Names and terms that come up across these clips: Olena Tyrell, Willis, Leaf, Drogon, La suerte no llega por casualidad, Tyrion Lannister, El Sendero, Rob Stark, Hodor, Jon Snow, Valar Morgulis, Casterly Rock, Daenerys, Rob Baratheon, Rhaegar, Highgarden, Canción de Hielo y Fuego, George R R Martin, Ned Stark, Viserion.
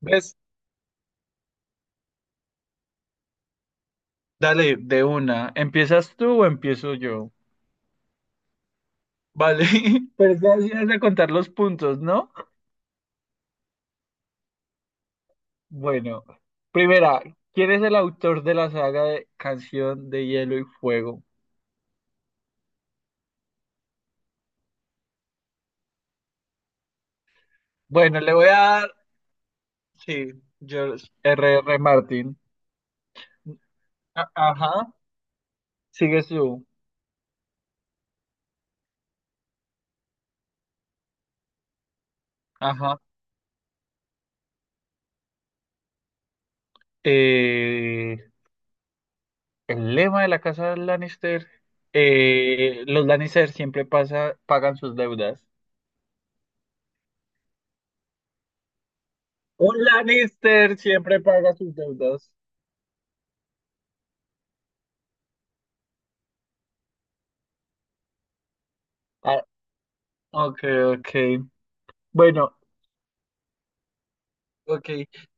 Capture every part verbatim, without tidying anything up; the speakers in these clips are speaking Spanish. ¿Ves? Dale, de una. ¿Empiezas tú o empiezo yo? Vale, pues ya ibas a contar los puntos, ¿no? Bueno, primera, ¿quién es el autor de la saga de Canción de Hielo y Fuego? Bueno, le voy a dar, sí, George erre erre Martin. A- Ajá, sigues tú. Ajá. Eh, el lema de la casa de Lannister. Eh, los Lannister siempre pasa, pagan sus deudas. Un Lannister siempre paga sus deudas. Ah, ok, ok. Bueno, ok.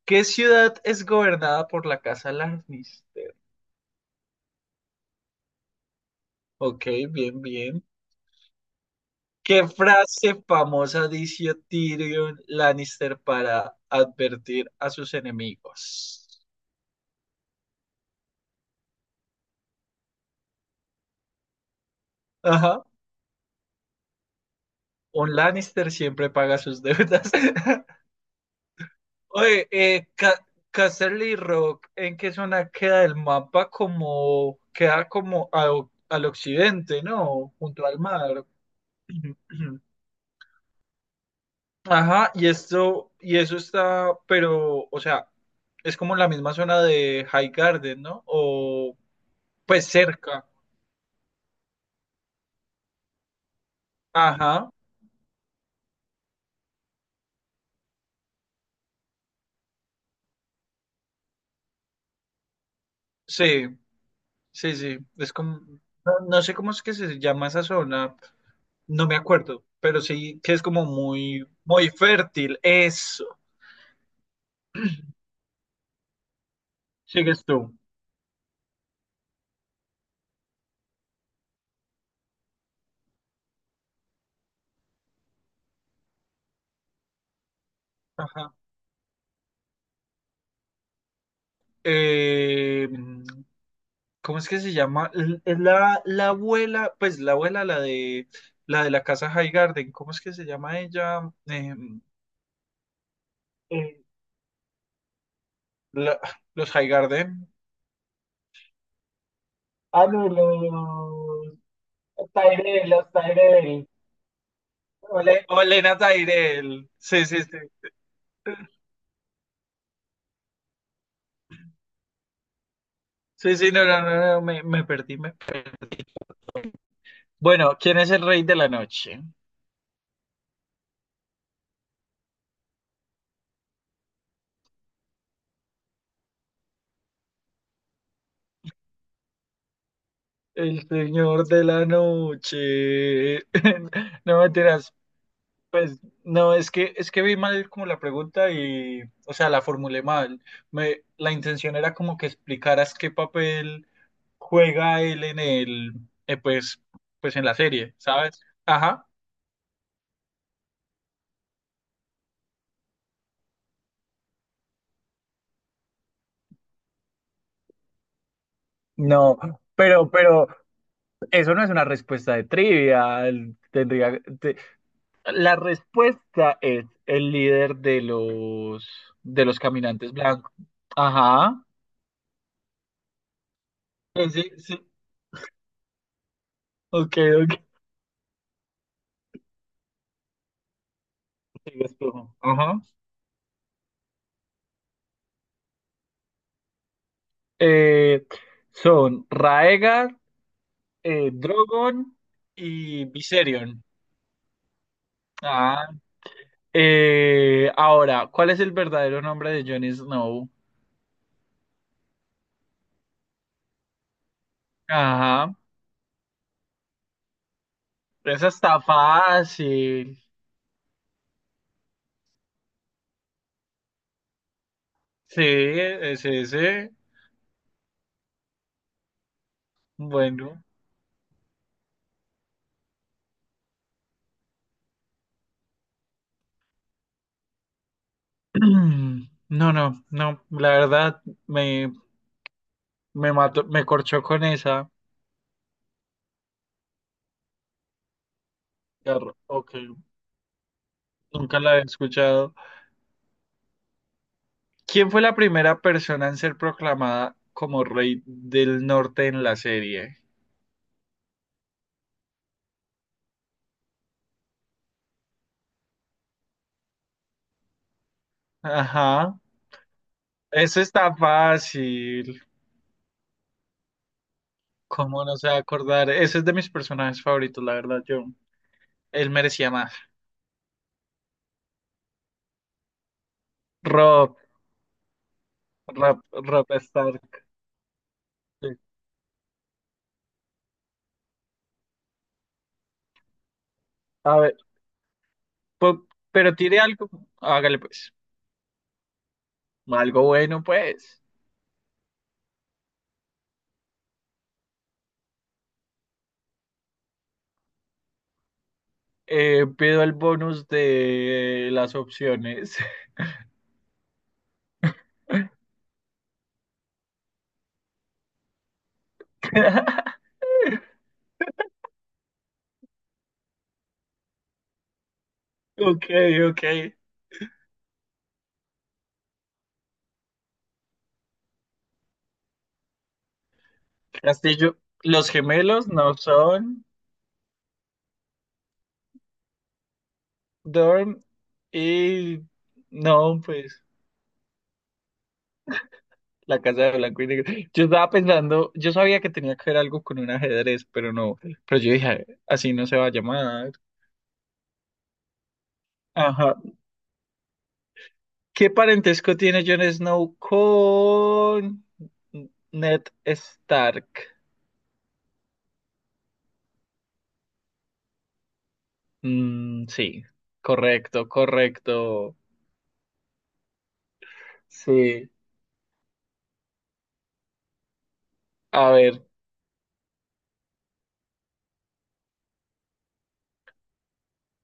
¿Qué ciudad es gobernada por la Casa Lannister? Ok, bien, bien. ¿Qué frase famosa dice Tyrion Lannister para advertir a sus enemigos? Ajá. Un Lannister siempre paga sus deudas. Oye, eh, Ca- Casterly Rock, ¿en qué zona queda el mapa? Como queda como a- al occidente, ¿no? Junto al mar. Ajá, y esto, y eso está, pero, o sea, es como la misma zona de High Garden, ¿no? O pues cerca. Ajá, sí, sí, sí. Es como, no, no sé cómo es que se llama esa zona, no me acuerdo, pero sí que es como muy, muy fértil. Eso. Sigues tú. Ajá. Eh, ¿Cómo es que se llama? L- Es la, la abuela, pues la abuela, la de la de la casa High Garden, ¿cómo es que se llama ella? Eh, el- La- los Highgarden. Ah, no, los Tyrell, los Tyrell. Ole. Olena Tyrell. Sí, sí, sí. Sí, sí, no, no, no, no, me, me perdí. me- Bueno, ¿quién es el rey de la noche? El señor de la noche. No, mentiras. Pues no, es que es que vi mal como la pregunta y, o sea, la formulé mal. Me, la intención era como que explicaras qué papel juega él en el, eh, pues, pues en la serie, ¿sabes? Ajá. No, pero, pero eso no es una respuesta de trivia. el- Tendría, te- la respuesta es el líder de los de los caminantes blancos. Ajá. Eh, sí, sí. Ok, ok. Sigues tú. Ajá. Eh, son Raegar, eh, Drogon. Y Viserion. Ah, eh, ahora, ¿cuál es el verdadero nombre de Jon Snow? Ajá, esa está fácil. Sí, es ese. Bueno. No, no, no, la verdad me, me mató, me corchó con esa. Ar- Ok, nunca la había escuchado. ¿Quién fue la primera persona en ser proclamada como rey del norte en la serie? Ajá, eso está fácil. ¿Cómo no se va a acordar? Ese es de mis personajes favoritos, la verdad, yo. Él merecía más. Rob, Rob, Rob Stark. Sí. A ver, po- pero tire algo. Hágale pues. Algo bueno, pues. Eh, pido el bonus de las opciones. Ok, ok. Castillo. Los gemelos no son Dorm y... No, pues. La casa de blanco y negro. Yo estaba pensando, yo sabía que tenía que ver algo con un ajedrez, pero no. Pero yo dije, así no se va a llamar. Ajá. ¿Qué parentesco tiene Jon Snow con Ned Stark? Mm, sí, correcto, correcto. Sí. A ver.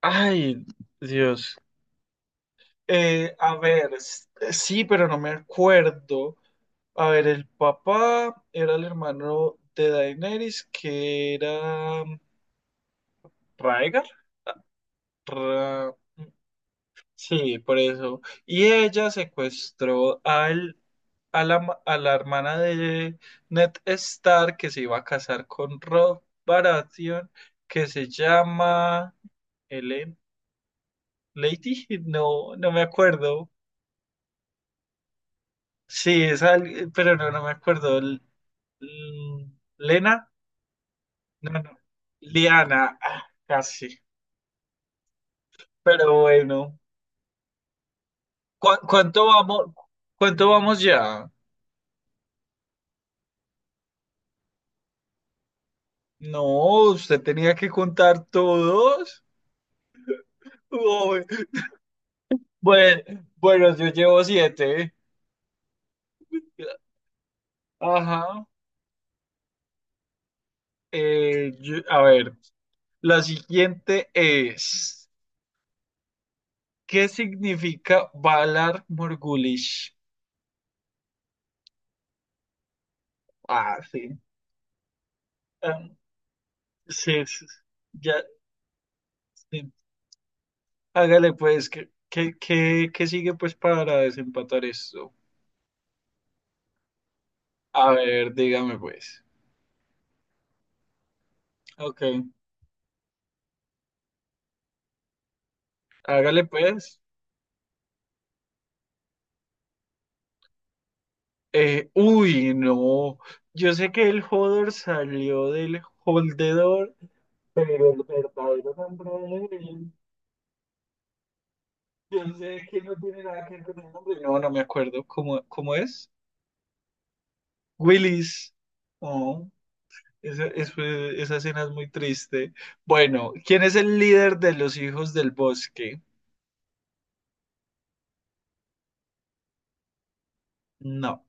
Ay, Dios. Eh, a ver, s- sí, pero no me acuerdo. A ver, el papá era el hermano de Daenerys, que era Rhaegar. Ra- mm, Sí, por eso. Y ella secuestró al, a la, ma- a la hermana de Ned Stark, que se iba a casar con Rob Baratheon, que se llama Ellen Lady. No, no me acuerdo. Sí, es al- pero no, no me acuerdo. L- l- Lena, no, no. Liana. Ah, casi. Pero bueno, ¿Cu- cuánto vamos, ¿cuánto vamos ya? No, usted tenía que contar todos. Uy, bueno, bueno, yo llevo siete. Ajá. Eh, yo- a ver, la siguiente es, ¿qué significa Valar Morgulis? Ah, sí. Ah, sí, sí, sí. Ya, sí. Hágale pues, ¿qué, qué, qué, ¿qué sigue pues para desempatar esto? A ver, dígame pues. Ok. Hágale pues. Eh, uy, no. Yo sé que el Hodor salió del Holdedor, pero el verdadero nombre de él, yo sé que no tiene nada que ver con el nombre. No, no me acuerdo. ¿Cómo, ¿cómo es? Willis. Oh, esa, eso- esa escena es muy triste. Bueno, ¿quién es el líder de los hijos del bosque? No,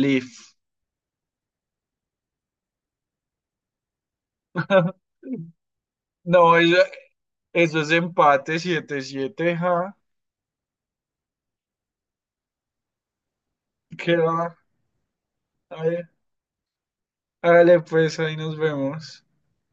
Leaf. No, eso, eso es empate siete siete, ja. Queda hágale pues, ahí nos vemos.